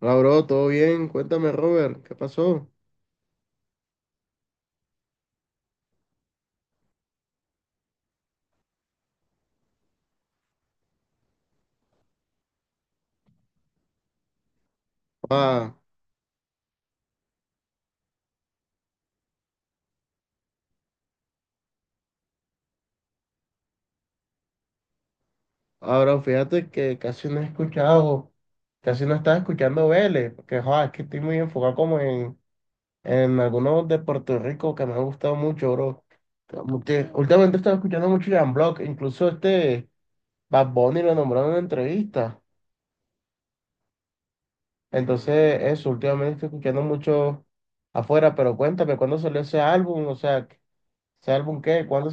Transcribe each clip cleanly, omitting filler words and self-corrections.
Hola, bro, ¿todo bien? Cuéntame, Robert, ¿qué pasó? Ah, ahora fíjate que casi no he escuchado, casi no estaba escuchando Vélez, porque joa, es que estoy muy enfocado como en algunos de Puerto Rico que me han gustado mucho, bro. Como que últimamente estaba escuchando mucho Jan Block, incluso este Bad Bunny lo nombraron en una entrevista. Entonces, eso, últimamente estoy escuchando mucho afuera, pero cuéntame, ¿cuándo salió ese álbum? O sea, ¿ese álbum qué? ¿Cuándo?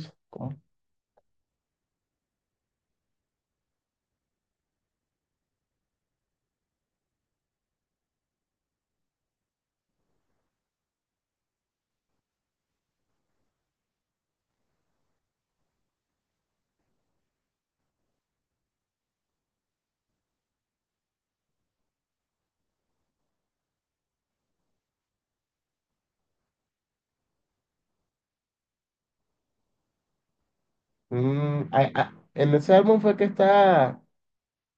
En ese álbum fue que está,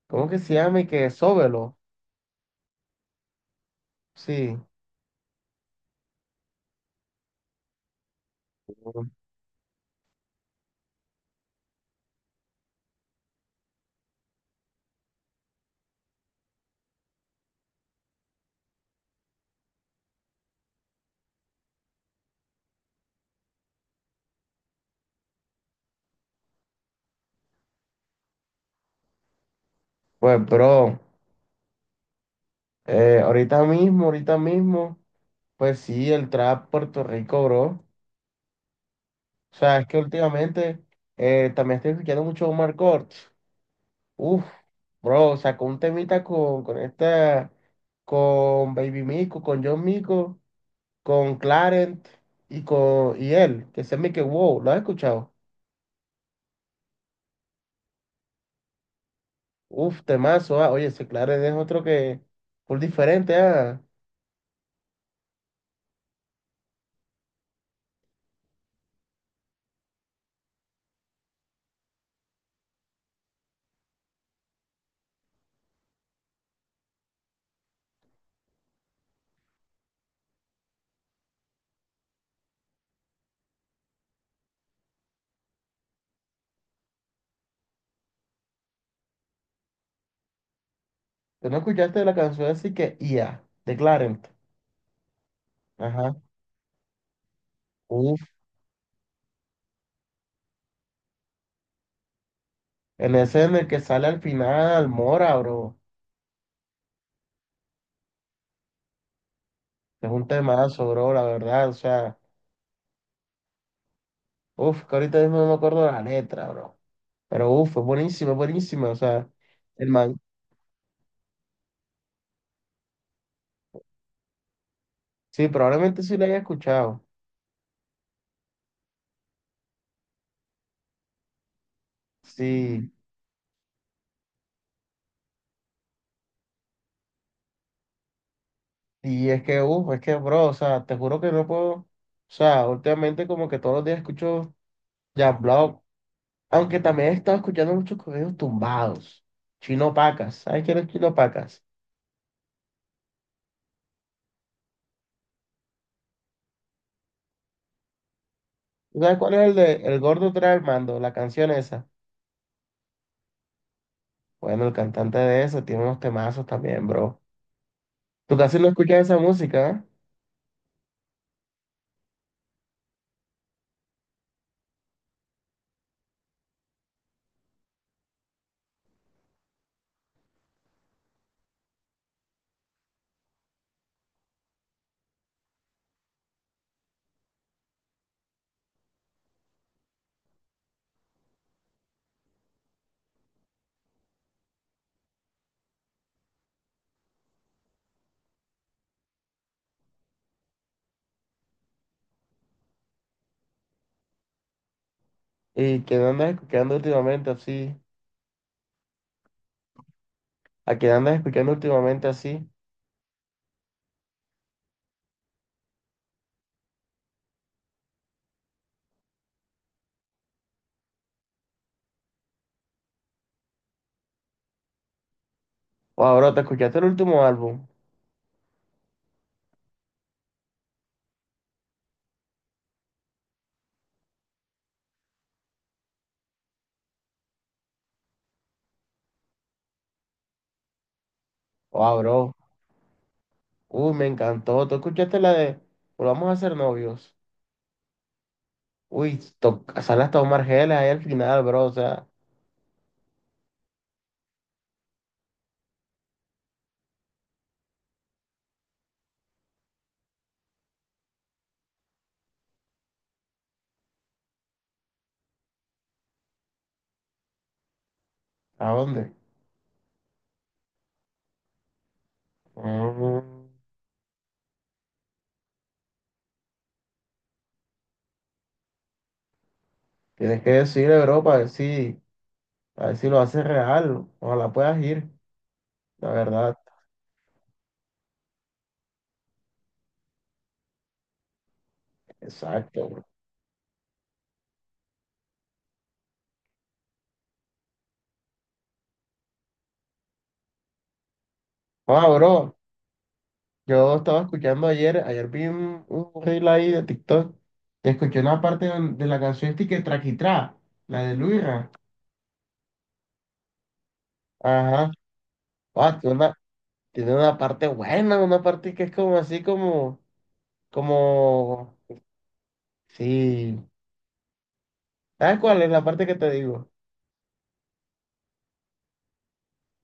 ¿cómo que se llama? Y que Sóbelo. Sí. Pues, bro, ahorita mismo, pues sí, el trap Puerto Rico, bro. O sea, es que últimamente también estoy escuchando mucho Omar Courtz. Uf, bro, sacó un temita con esta, con Baby Mico, con John Mico, con Clarent y con y él, que se me que wow, ¿lo has escuchado? Uf, temazo, ah. Oye, ese Claret es otro que full diferente, ah. ¿Tú no escuchaste la canción así que IA, de Clarence? Ajá. Uf, en ese en el que sale al final Mora, bro. Es un temazo, bro, la verdad. O sea, uf, que ahorita mismo no me acuerdo la letra, bro. Pero uf, es buenísimo, es buenísimo. O sea, el man. Sí, probablemente sí la haya escuchado. Sí. Y es que, uf, es que, bro, o sea, te juro que no puedo. O sea, últimamente como que todos los días escucho Jan Block. Aunque también he estado escuchando muchos corridos tumbados. Chino Pacas. ¿Sabes quién es Chino Pacas? ¿Tú ¿sabes cuál es el de El Gordo trae el mando? La canción esa. Bueno, el cantante de eso tiene unos temazos también, bro. Tú casi no escuchas esa música, ¿eh? ¿Y quién andas escuchando últimamente así? ¿A quién andas escuchando últimamente así? Wow, bro, ¿te escuchaste el último álbum? Wow, bro. Uy, me encantó. ¿Tú escuchaste la de Volvamos a ser novios? Uy, sale hasta Omar Geles ahí al final, bro. O sea, ¿a dónde? Mm. Tienes que decirle, bro, para ver si lo haces real. Ojalá puedas ir, la verdad. Exacto, bro. Ah, bro, yo estaba escuchando ayer, ayer vi un reel ahí de TikTok, escuché una parte de la canción esta y que Traquitrá, la de Luira. Ajá. Ah, tiene una parte buena, una parte que es como así como, como, sí. ¿Sabes cuál es la parte que te digo?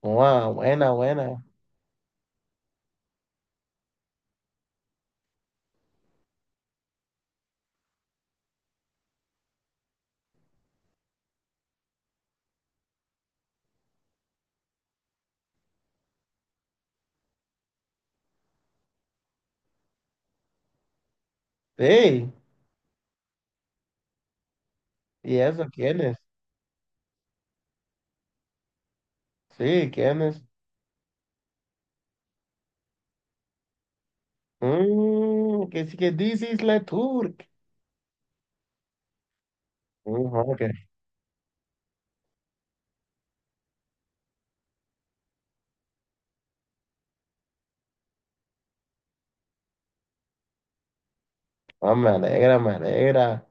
Ah, buena, buena. Sí, y eso, ¿quién es? Sí, ¿quién es? Mm, que sí que this is la Turk. Mm, ah, ok. Ah, me alegra, me alegra.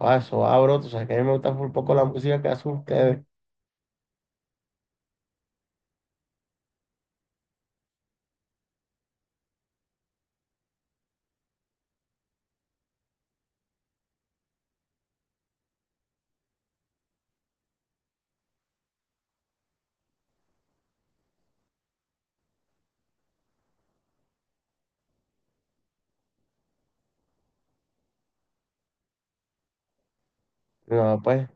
Ah, eso abro, tú sabes que a mí me gusta un poco la música que hacen ustedes. No, pues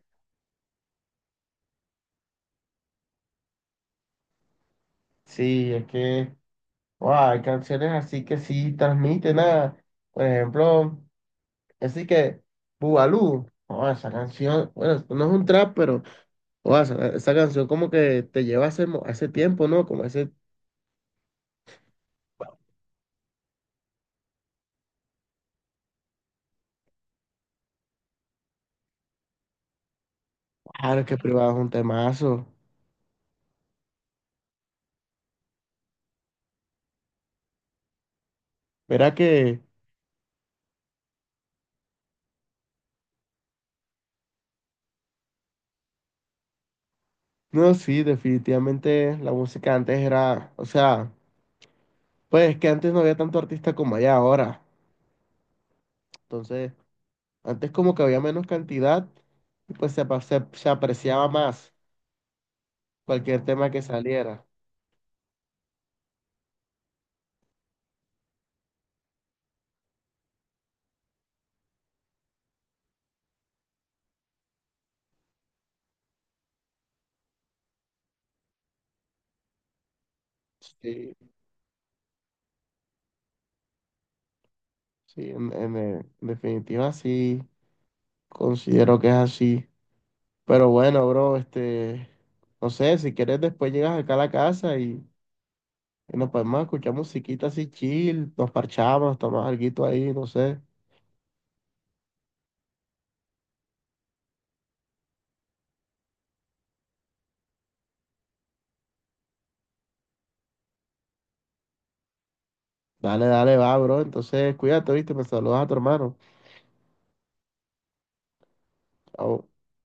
sí, es que guau, hay canciones así que sí transmiten nada. Por ejemplo, así que Bugalú, oh, esa canción, bueno, no es un trap, pero guau, esa canción como que te lleva a ese, a ese tiempo, ¿no? Como a ese, claro, es que privado es un temazo. Verá que. No, sí, definitivamente la música antes era, o sea, pues que antes no había tanto artista como hay ahora. Entonces, antes como que había menos cantidad y pues se, se apreciaba más cualquier tema que saliera. Sí, sí, en definitiva sí, considero que es así. Pero bueno, bro, este, no sé, si quieres después llegas acá a la casa y nos podemos escuchar musiquita así chill, nos parchamos, tomamos alguito ahí, no sé. Dale, dale, va, bro. Entonces, cuídate, ¿viste? Me saludas a tu hermano. Chao.